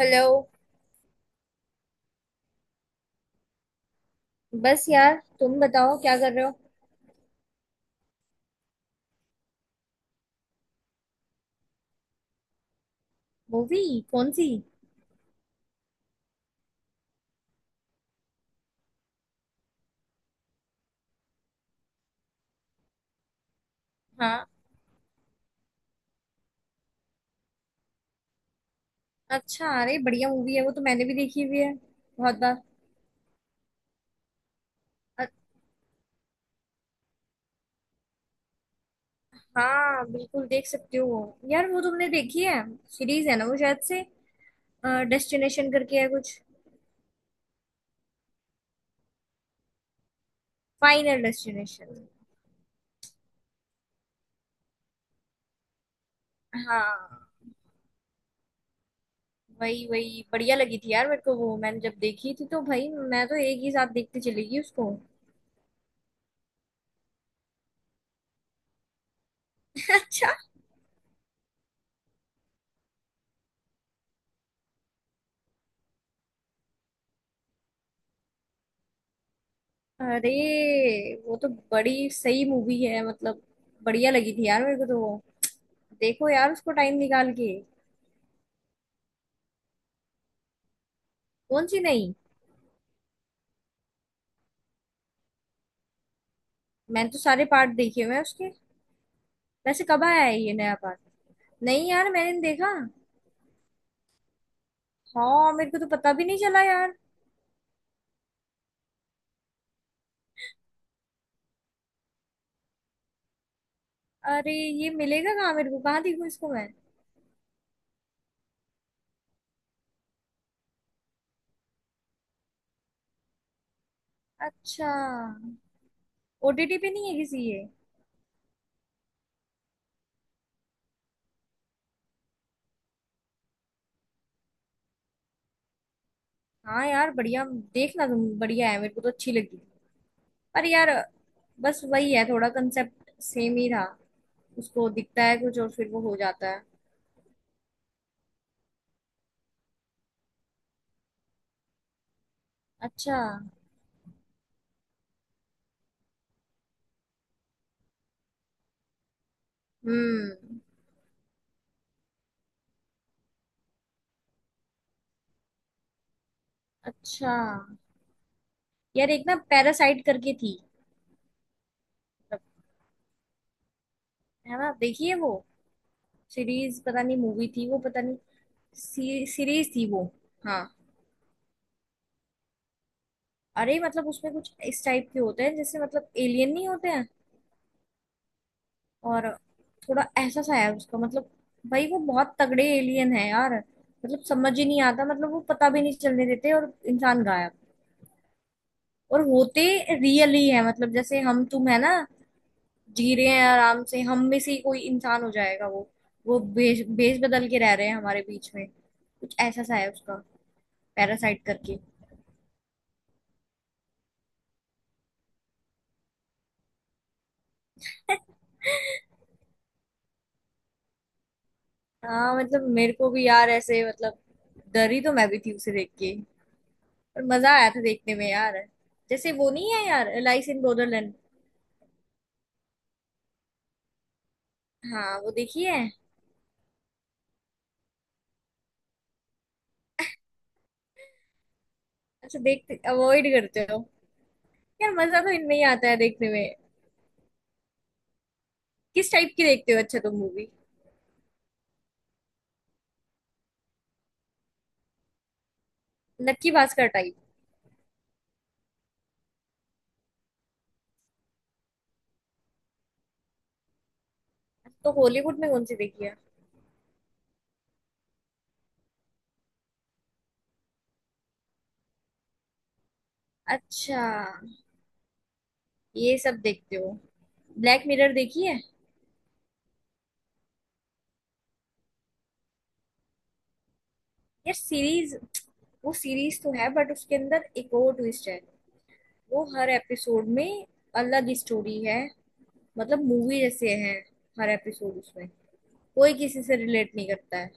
Hello. बस यार, तुम बताओ क्या कर रहे हो। मूवी? कौन सी? हाँ। अच्छा, अरे बढ़िया मूवी है, वो तो मैंने भी देखी हुई है, बहुत बार। अ- हाँ, बिल्कुल देख सकते हो यार। वो तुमने देखी है, सीरीज है ना वो शायद से, डेस्टिनेशन करके है कुछ। Final destination. हाँ, वही वही बढ़िया लगी थी यार मेरे को वो। मैंने जब देखी थी तो भाई मैं तो एक ही साथ देखते चली गई उसको। अच्छा। अरे वो तो बड़ी सही मूवी है, मतलब बढ़िया लगी थी यार मेरे को तो वो। देखो यार उसको टाइम निकाल के। कौन सी? नहीं। मैंने तो सारे पार्ट देखे हुए हैं उसके। वैसे कब आया है ये नया पार्ट? नहीं यार, मैंने नहीं देखा। हाँ, मेरे को तो पता भी नहीं चला यार। अरे ये मिलेगा कहाँ? मेरे को कहाँ देखूँ इसको मैं? अच्छा। ओटीटी पे नहीं है किसी ये? हाँ यार बढ़िया। देखना तुम, बढ़िया है, मेरे को तो अच्छी लगी। पर यार बस वही है, थोड़ा कंसेप्ट सेम ही था। उसको दिखता है कुछ और फिर वो हो जाता है। अच्छा। हम्म। अच्छा। यार एक ना पैरासाइट करके थी। मतलब, है ना, देखिए वो सीरीज, पता नहीं मूवी थी वो, पता नहीं। सीरीज थी वो। हाँ। अरे मतलब उसमें कुछ इस टाइप के होते हैं, जैसे मतलब एलियन नहीं होते हैं। और थोड़ा ऐसा सा है उसका, मतलब भाई वो बहुत तगड़े एलियन है यार। मतलब समझ ही नहीं आता, मतलब वो पता भी नहीं चलने देते और इंसान गायब। और होते रियली है, मतलब जैसे हम तुम है ना जी रहे हैं आराम से, हम में से ही कोई इंसान हो जाएगा वो। वो भेष भेष बदल के रह रहे हैं हमारे बीच में, कुछ ऐसा सा है उसका। पैरासाइट करके। हाँ मतलब मेरे को भी यार ऐसे, मतलब डरी तो मैं भी थी उसे देख के। पर मजा आया था देखने में यार। जैसे वो नहीं है यार, एलाइस इन बॉर्डरलैंड। हाँ वो देखी है। अच्छा, देखते अवॉइड करते हो? यार मजा तो इनमें ही आता है देखने में। किस टाइप की देखते हो अच्छा तुम मूवी? नक्की भास्कर टाइप? तो हॉलीवुड में कौन सी देखी है? अच्छा। ये सब देखते हो? ब्लैक मिरर देखी है? यार सीरीज, वो सीरीज तो है बट उसके अंदर एक और ट्विस्ट है। वो हर एपिसोड में अलग ही स्टोरी है। मतलब मूवी जैसे है हर एपिसोड उसमें। कोई किसी से रिलेट नहीं करता है।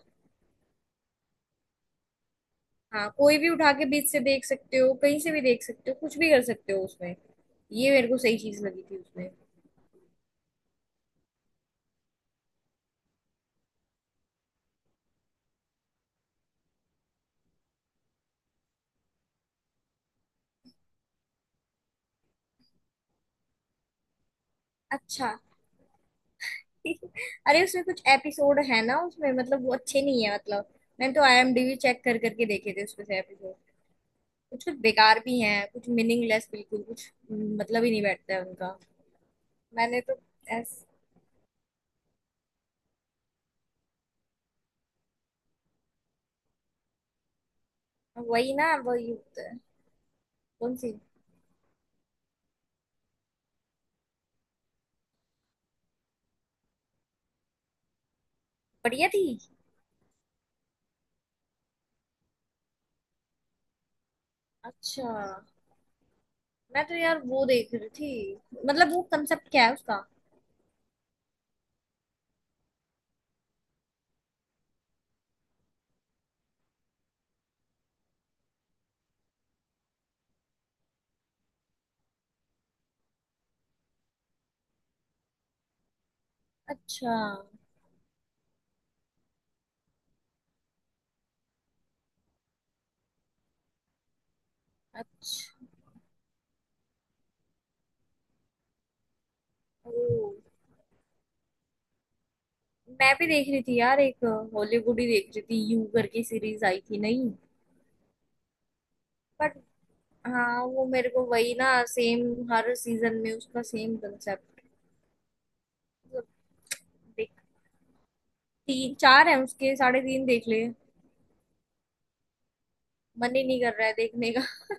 हाँ, कोई भी उठा के बीच से देख सकते हो, कहीं से भी देख सकते हो, कुछ भी कर सकते हो उसमें। ये मेरे को सही चीज लगी थी उसमें। अच्छा। अरे उसमें कुछ एपिसोड है ना उसमें, मतलब वो अच्छे नहीं है, मतलब मैंने तो आईएमडीबी चेक कर करके देखे थे उसमें से एपिसोड। कुछ कुछ बेकार भी हैं, कुछ मीनिंगलेस, बिल्कुल कुछ मतलब ही नहीं बैठता है उनका। मैंने तो ऐस वही ना, वही होता है। कौन सी? बढ़िया थी। अच्छा। मैं तो यार वो देख रही थी। मतलब वो कंसेप्ट क्या है उसका? अच्छा। अच्छा। ओ। मैं भी देख रही थी यार एक, हॉलीवुड ही देख रही थी, यू करके सीरीज आई थी नहीं? बट हाँ, वो मेरे को वही ना सेम, हर सीजन में उसका सेम कंसेप्ट। मतलब देख तीन चार है उसके, साढ़े तीन देख ले। मन ही नहीं कर रहा है देखने का।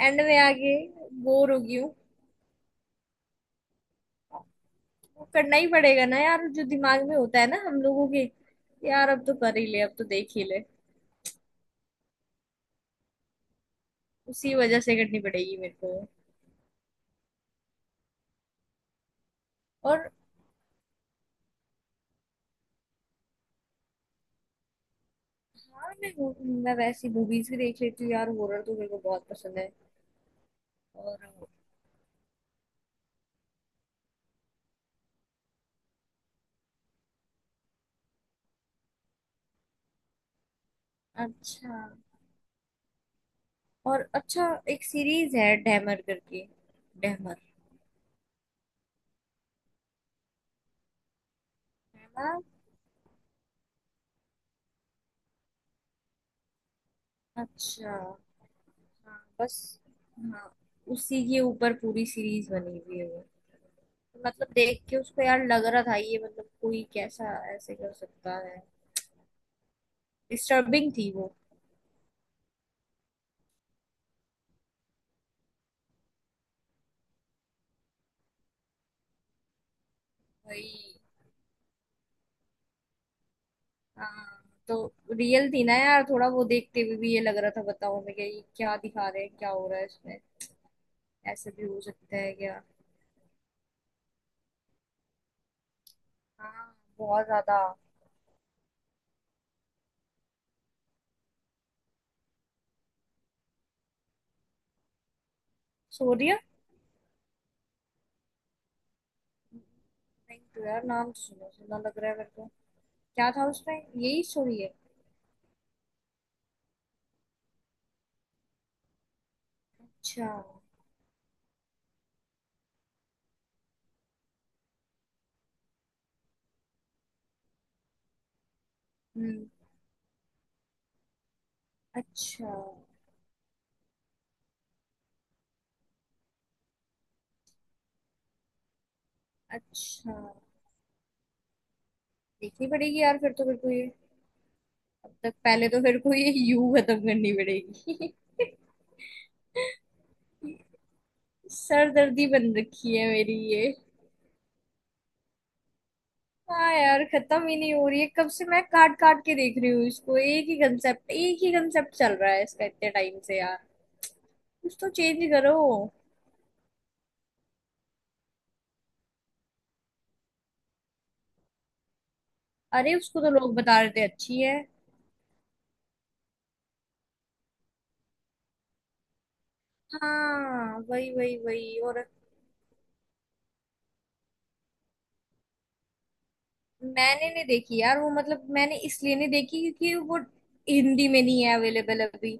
एंड में आगे बोर हो गई हूँ। वो करना ही पड़ेगा ना यार, जो दिमाग में होता है ना हम लोगों के। यार अब तो कर ही ले, अब तो देख ही ले। उसी वजह से करनी पड़ेगी मेरे को। और। हाँ, मैं वैसी मूवीज भी देख लेती हूँ यार, हॉरर तो मेरे को बहुत पसंद है। और। अच्छा। और अच्छा, एक सीरीज है डैमर करके। डैमर। डैमर। अच्छा। हाँ बस। हाँ, उसी के ऊपर पूरी सीरीज बनी हुई है वो। मतलब देख के उसको यार लग रहा था, ये मतलब कोई कैसा ऐसे कर सकता है। डिस्टर्बिंग थी वो। वही। हाँ। तो रियल थी ना यार, थोड़ा वो देखते हुए भी ये लग रहा था, बताओ मैं क्या, ये क्या दिखा रहे हैं, क्या हो रहा है इसमें। ऐसे भी हो सकता है क्या? हाँ, बहुत ज्यादा। सोरिया? नहीं तो यार, नाम तो सुना सुना लग रहा है मेरे को। क्या था उसमें, यही स्टोरी है? अच्छा। हम्म। अच्छा। अच्छा, देखनी पड़ेगी यार फिर तो मेरे को ये। तब तक पहले तो फिर को ये यू खत्म करनी पड़ेगी। सरदर्दी बन रखी है मेरी ये। हाँ यार, खत्म ही नहीं हो रही है, कब से मैं काट काट के देख रही हूँ इसको। एक ही कंसेप्ट, एक ही कंसेप्ट चल रहा है इसका इतने टाइम से यार। कुछ तो चेंज करो। अरे उसको तो लोग बता रहे थे अच्छी है। हाँ, वही वही वही। और मैंने नहीं देखी यार वो, मतलब मैंने इसलिए नहीं देखी क्योंकि वो हिंदी में नहीं है अवेलेबल अभी।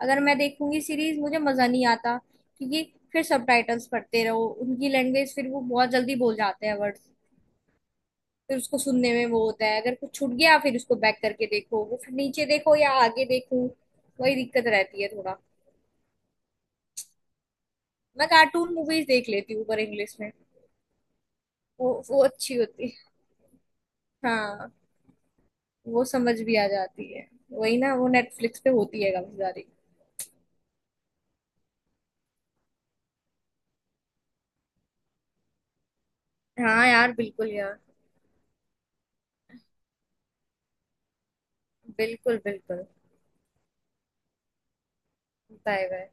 अगर मैं देखूंगी सीरीज मुझे मजा नहीं आता, क्योंकि फिर सबटाइटल्स पढ़ते रहो, उनकी लैंग्वेज फिर वो बहुत जल्दी बोल जाते हैं वर्ड्स। फिर उसको सुनने में वो होता है, अगर कुछ छूट गया फिर उसको बैक करके देखो, वो फिर नीचे देखो या आगे देखो। वही दिक्कत रहती है थोड़ा। मैं कार्टून मूवीज देख लेती हूँ पर इंग्लिश में। वो अच्छी होती है। हाँ, वो समझ भी आ जाती है। वही ना, वो नेटफ्लिक्स पे होती है काफी सारी। हाँ यार, बिल्कुल यार। बिल्कुल बिल्कुल। Bye bye.